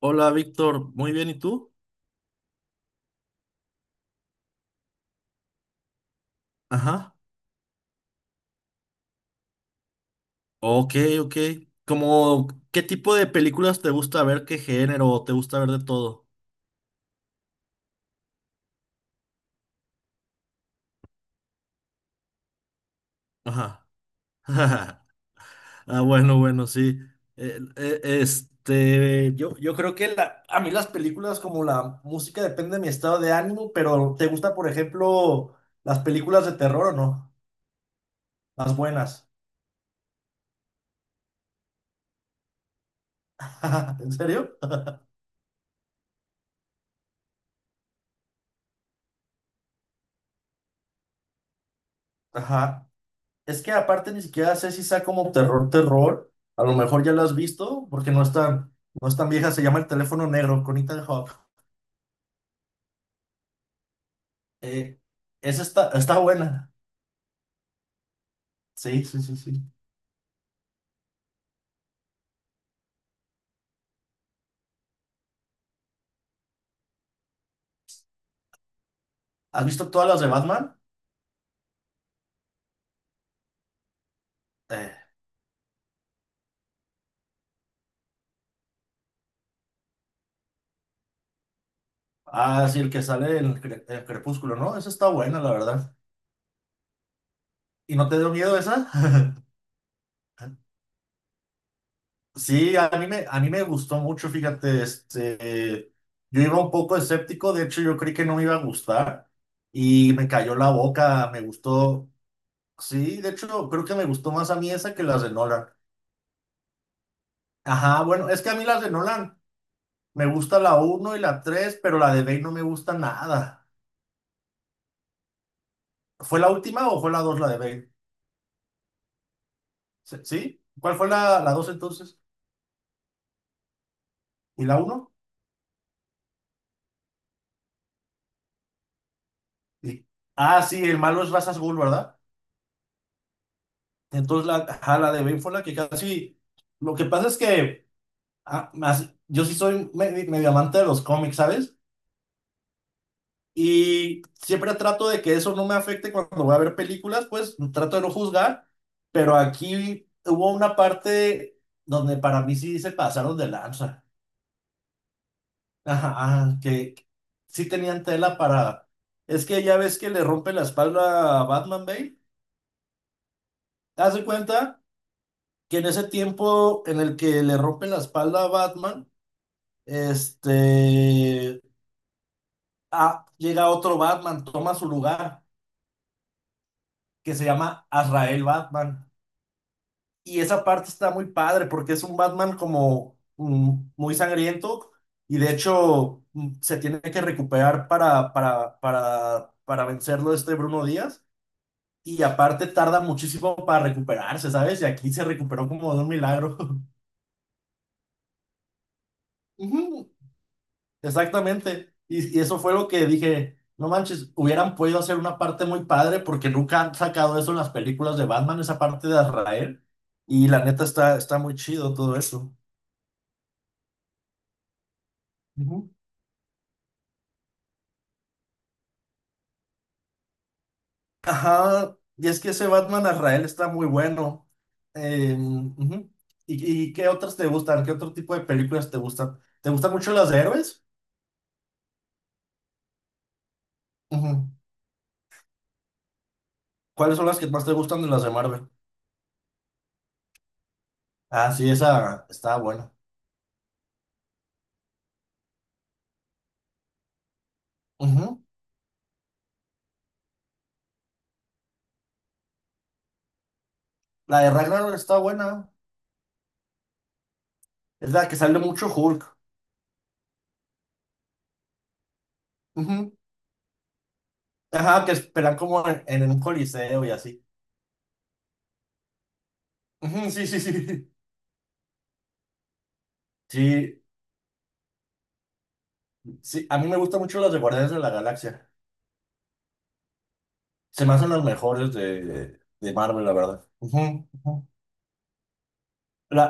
Hola, Víctor. Muy bien, ¿y tú? Ajá. Ok, ok. Como, ¿qué tipo de películas te gusta ver? ¿Qué género? ¿Te gusta ver de todo? Ajá. Ah, bueno, bueno, sí. Yo creo que a mí las películas como la música depende de mi estado de ánimo, pero ¿te gusta, por ejemplo, las películas de terror o no? Las buenas. ¿En serio? Ajá. Es que aparte ni siquiera sé si sea como terror, terror. A lo mejor ya lo has visto, porque no es tan vieja. Se llama El teléfono negro con Ethan Hawke. Eh, esa está buena. Sí, sí, sí, sí. ¿Has visto todas las de Batman? Eh, ah, sí, el que sale en en Crepúsculo, ¿no? Esa está buena, la verdad. ¿Y no te dio miedo esa? Sí, a mí me gustó mucho, fíjate, este, yo iba un poco escéptico, de hecho yo creí que no me iba a gustar y me cayó la boca, me gustó. Sí, de hecho, creo que me gustó más a mí esa que las de Nolan. Ajá, bueno, es que a mí las de Nolan me gusta la uno y la tres, pero la de Bane no me gusta nada. ¿Fue la última o fue la dos la de Bane? ¿Sí? ¿Cuál fue la 2 entonces? ¿Y la uno? Sí. Ah, sí, el malo es Razas Ghul, ¿verdad? Entonces la, ajá, la de Bane fue la que casi... Lo que pasa es que ah, yo sí soy medio amante de los cómics, ¿sabes? Y siempre trato de que eso no me afecte cuando voy a ver películas, pues trato de no juzgar, pero aquí hubo una parte donde para mí sí se pasaron de lanza. Ajá, ajá, que sí tenían tela para... Es que ya ves que le rompe la espalda a Batman Bale. Haz de cuenta que en ese tiempo en el que le rompe la espalda a Batman, este... ah, llega otro Batman, toma su lugar, que se llama Azrael Batman. Y esa parte está muy padre porque es un Batman como mm, muy sangriento y de hecho mm, se tiene que recuperar para vencerlo este Bruno Díaz. Y aparte tarda muchísimo para recuperarse, ¿sabes? Y aquí se recuperó como de un milagro. Ujú, exactamente. Y eso fue lo que dije, no manches, hubieran podido hacer una parte muy padre porque nunca han sacado eso en las películas de Batman, esa parte de Azrael. Y la neta está muy chido todo eso. Ujú. Ajá, y es que ese Batman Azrael está muy bueno. Ujú. Y qué otras te gustan? ¿Qué otro tipo de películas te gustan? ¿Te gustan mucho las de héroes? Ujú. ¿Cuáles son las que más te gustan de las de Marvel? Ah, sí, esa está buena. Ujú. La de Ragnarok está buena. Es la que sale mucho Hulk. Ujú. Ajá, que esperan como en un coliseo y así. Ujú, sí, sí, sí. Sí, sí, a mí me gustan mucho las de Guardianes de la Galaxia. Se me hacen las mejores de Marvel, la verdad. Ujú, ujú. La,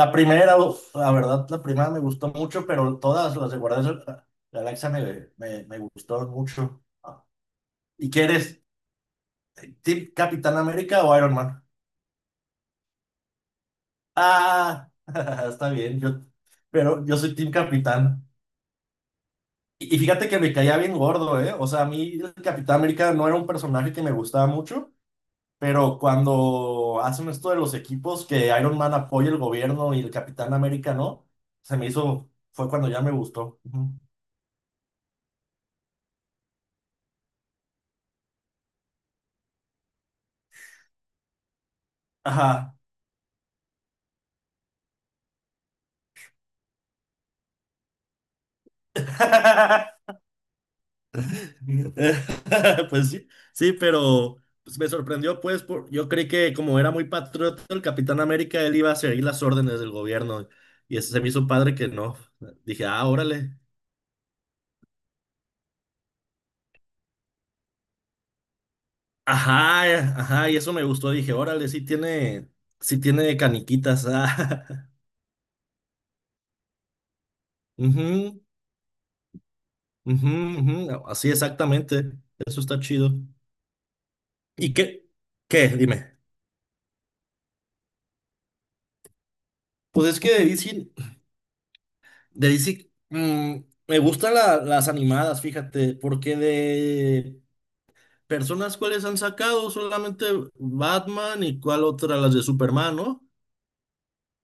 la primera, uf, la verdad, la primera me gustó mucho, pero todas las de Guardianes de la Galaxia me gustaron mucho. Ah, ¿y qué eres? ¿Team Capitán América o Iron Man? Ah, está bien, yo, pero yo soy Team Capitán. Y fíjate que me caía bien gordo, ¿eh? O sea, a mí el Capitán América no era un personaje que me gustaba mucho, pero cuando hacen esto de los equipos que Iron Man apoya el gobierno y el Capitán América no, se me hizo, fue cuando ya me gustó. Ujú. Ajá. Pues sí, sí, pero pues, me sorprendió, pues, por, yo creí que como era muy patriota el Capitán América, él iba a seguir las órdenes del gobierno y eso se me hizo padre que no. Dije, ah, órale. Ajá, ajá, y eso me gustó. Dije, órale, sí tiene caniquitas. Ah. Ujú, ujú, ujú, así exactamente. Eso está chido. ¿Y qué? ¿Qué? Dime. Pues es que de DC, de DC, mm, me gustan las animadas, fíjate, porque de personas cuáles han sacado solamente Batman y cuál otra, las de Superman, ¿no?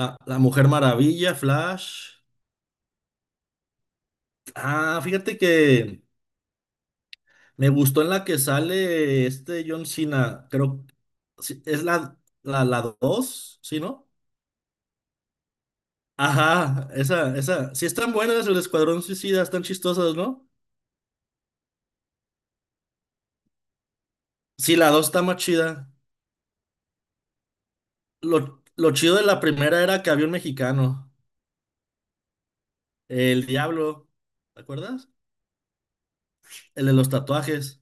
La Mujer Maravilla, Flash. Ah, fíjate que me gustó en la que sale este John Cena, creo, sí, es la dos, ¿sí, no? Ajá, esa, sí están buenas, el Escuadrón Suicida, están chistosas, ¿no? Sí, la 2 está más chida. Lo chido de la primera era que había un mexicano, el Diablo, ¿te acuerdas? El de los tatuajes.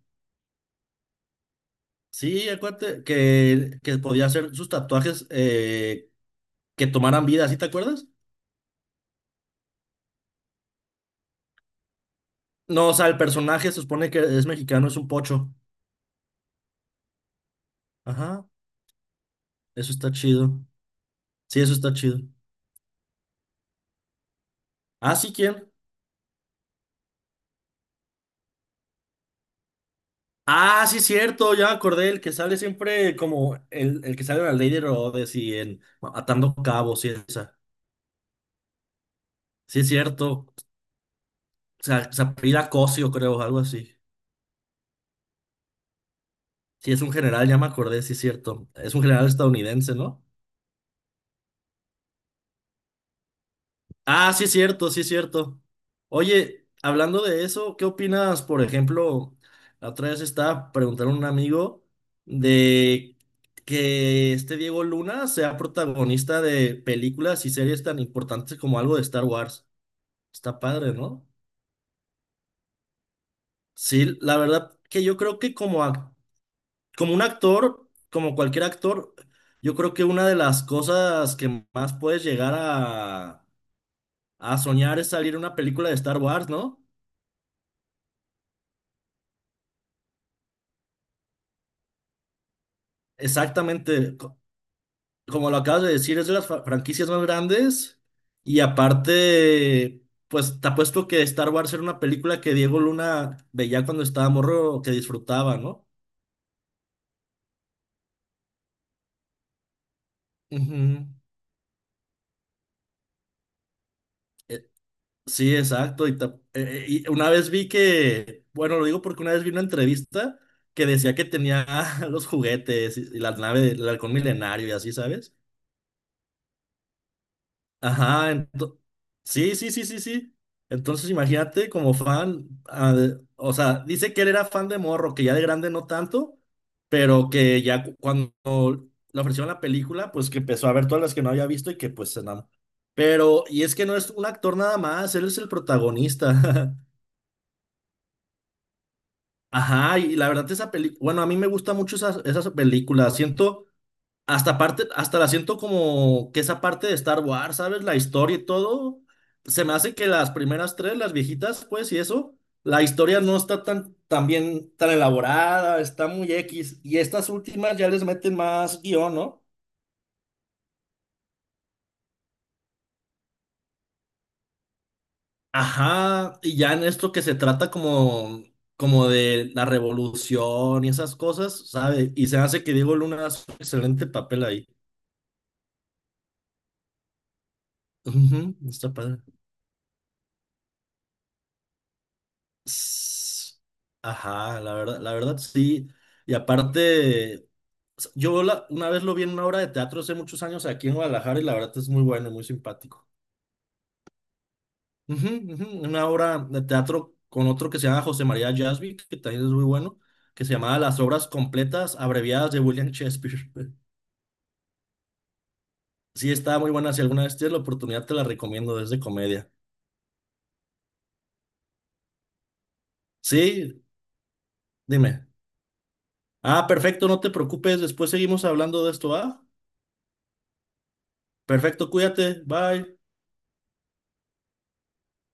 Sí, acuérdate que podía hacer sus tatuajes que tomaran vida, ¿sí te acuerdas? No, o sea, el personaje se supone que es mexicano, es un pocho. Ajá, eso está chido. Sí, eso está chido. Ah, sí, ¿quién? Ah, sí, cierto, ya me acordé, el que sale siempre como el que sale en la Lady Rhodes y en bueno, Atando Cabos y esa. Sí, es cierto. Sapira Cosio, creo, algo así. Sí, es un general, ya me acordé, sí es cierto. Es un general estadounidense, ¿no? Ah, sí es cierto, sí es cierto. Oye, hablando de eso, ¿qué opinas, por ejemplo, la otra vez estaba preguntando a un amigo de que este Diego Luna sea protagonista de películas y series tan importantes como algo de Star Wars? Está padre, ¿no? Sí, la verdad que yo creo que como, como un actor, como cualquier actor, yo creo que una de las cosas que más puedes llegar a soñar es salir en una película de Star Wars, ¿no? Exactamente, como lo acabas de decir, es de las franquicias más grandes y aparte, pues te apuesto que Star Wars era una película que Diego Luna veía cuando estaba morro, que disfrutaba, ¿no? Ujú. Sí, exacto. Y, y una vez vi que, bueno, lo digo porque una vez vi una entrevista que decía que tenía los juguetes y la nave del halcón milenario y así, ¿sabes? Ajá, sí, sí, sí, sí, sí. Entonces imagínate como fan, ah, o sea, dice que él era fan de morro, que ya de grande no tanto, pero que ya cuando le ofrecieron la película, pues que empezó a ver todas las que no había visto y que pues se enamoró. Pero, y es que no es un actor nada más, él es el protagonista. Ajá, y la verdad esa película, bueno, a mí me gusta mucho esas, esas películas, siento, hasta parte, hasta la siento como que esa parte de Star Wars, ¿sabes? La historia y todo, se me hace que las primeras tres, las viejitas, pues, y eso, la historia no está tan, tan bien, tan elaborada, está muy X, y estas últimas ya les meten más guión, ¿no? Ajá, y ya en esto que se trata como, como de la revolución y esas cosas, sabe y se hace que Diego Luna hace un excelente papel ahí. Ujú, está padre. S- Ajá, la verdad sí. Y aparte, una vez lo vi en una obra de teatro hace muchos años aquí en Guadalajara y la verdad es muy bueno, y muy simpático. Ujú, ujú, una obra de teatro con otro que se llama José María Jasby, que también es muy bueno, que se llamaba Las obras completas abreviadas de William Shakespeare. Sí, está muy buena. Si alguna vez tienes la oportunidad, te la recomiendo, es de comedia. Sí, dime. Ah, perfecto, no te preocupes. Después seguimos hablando de esto, ¿ah? Perfecto, cuídate, bye.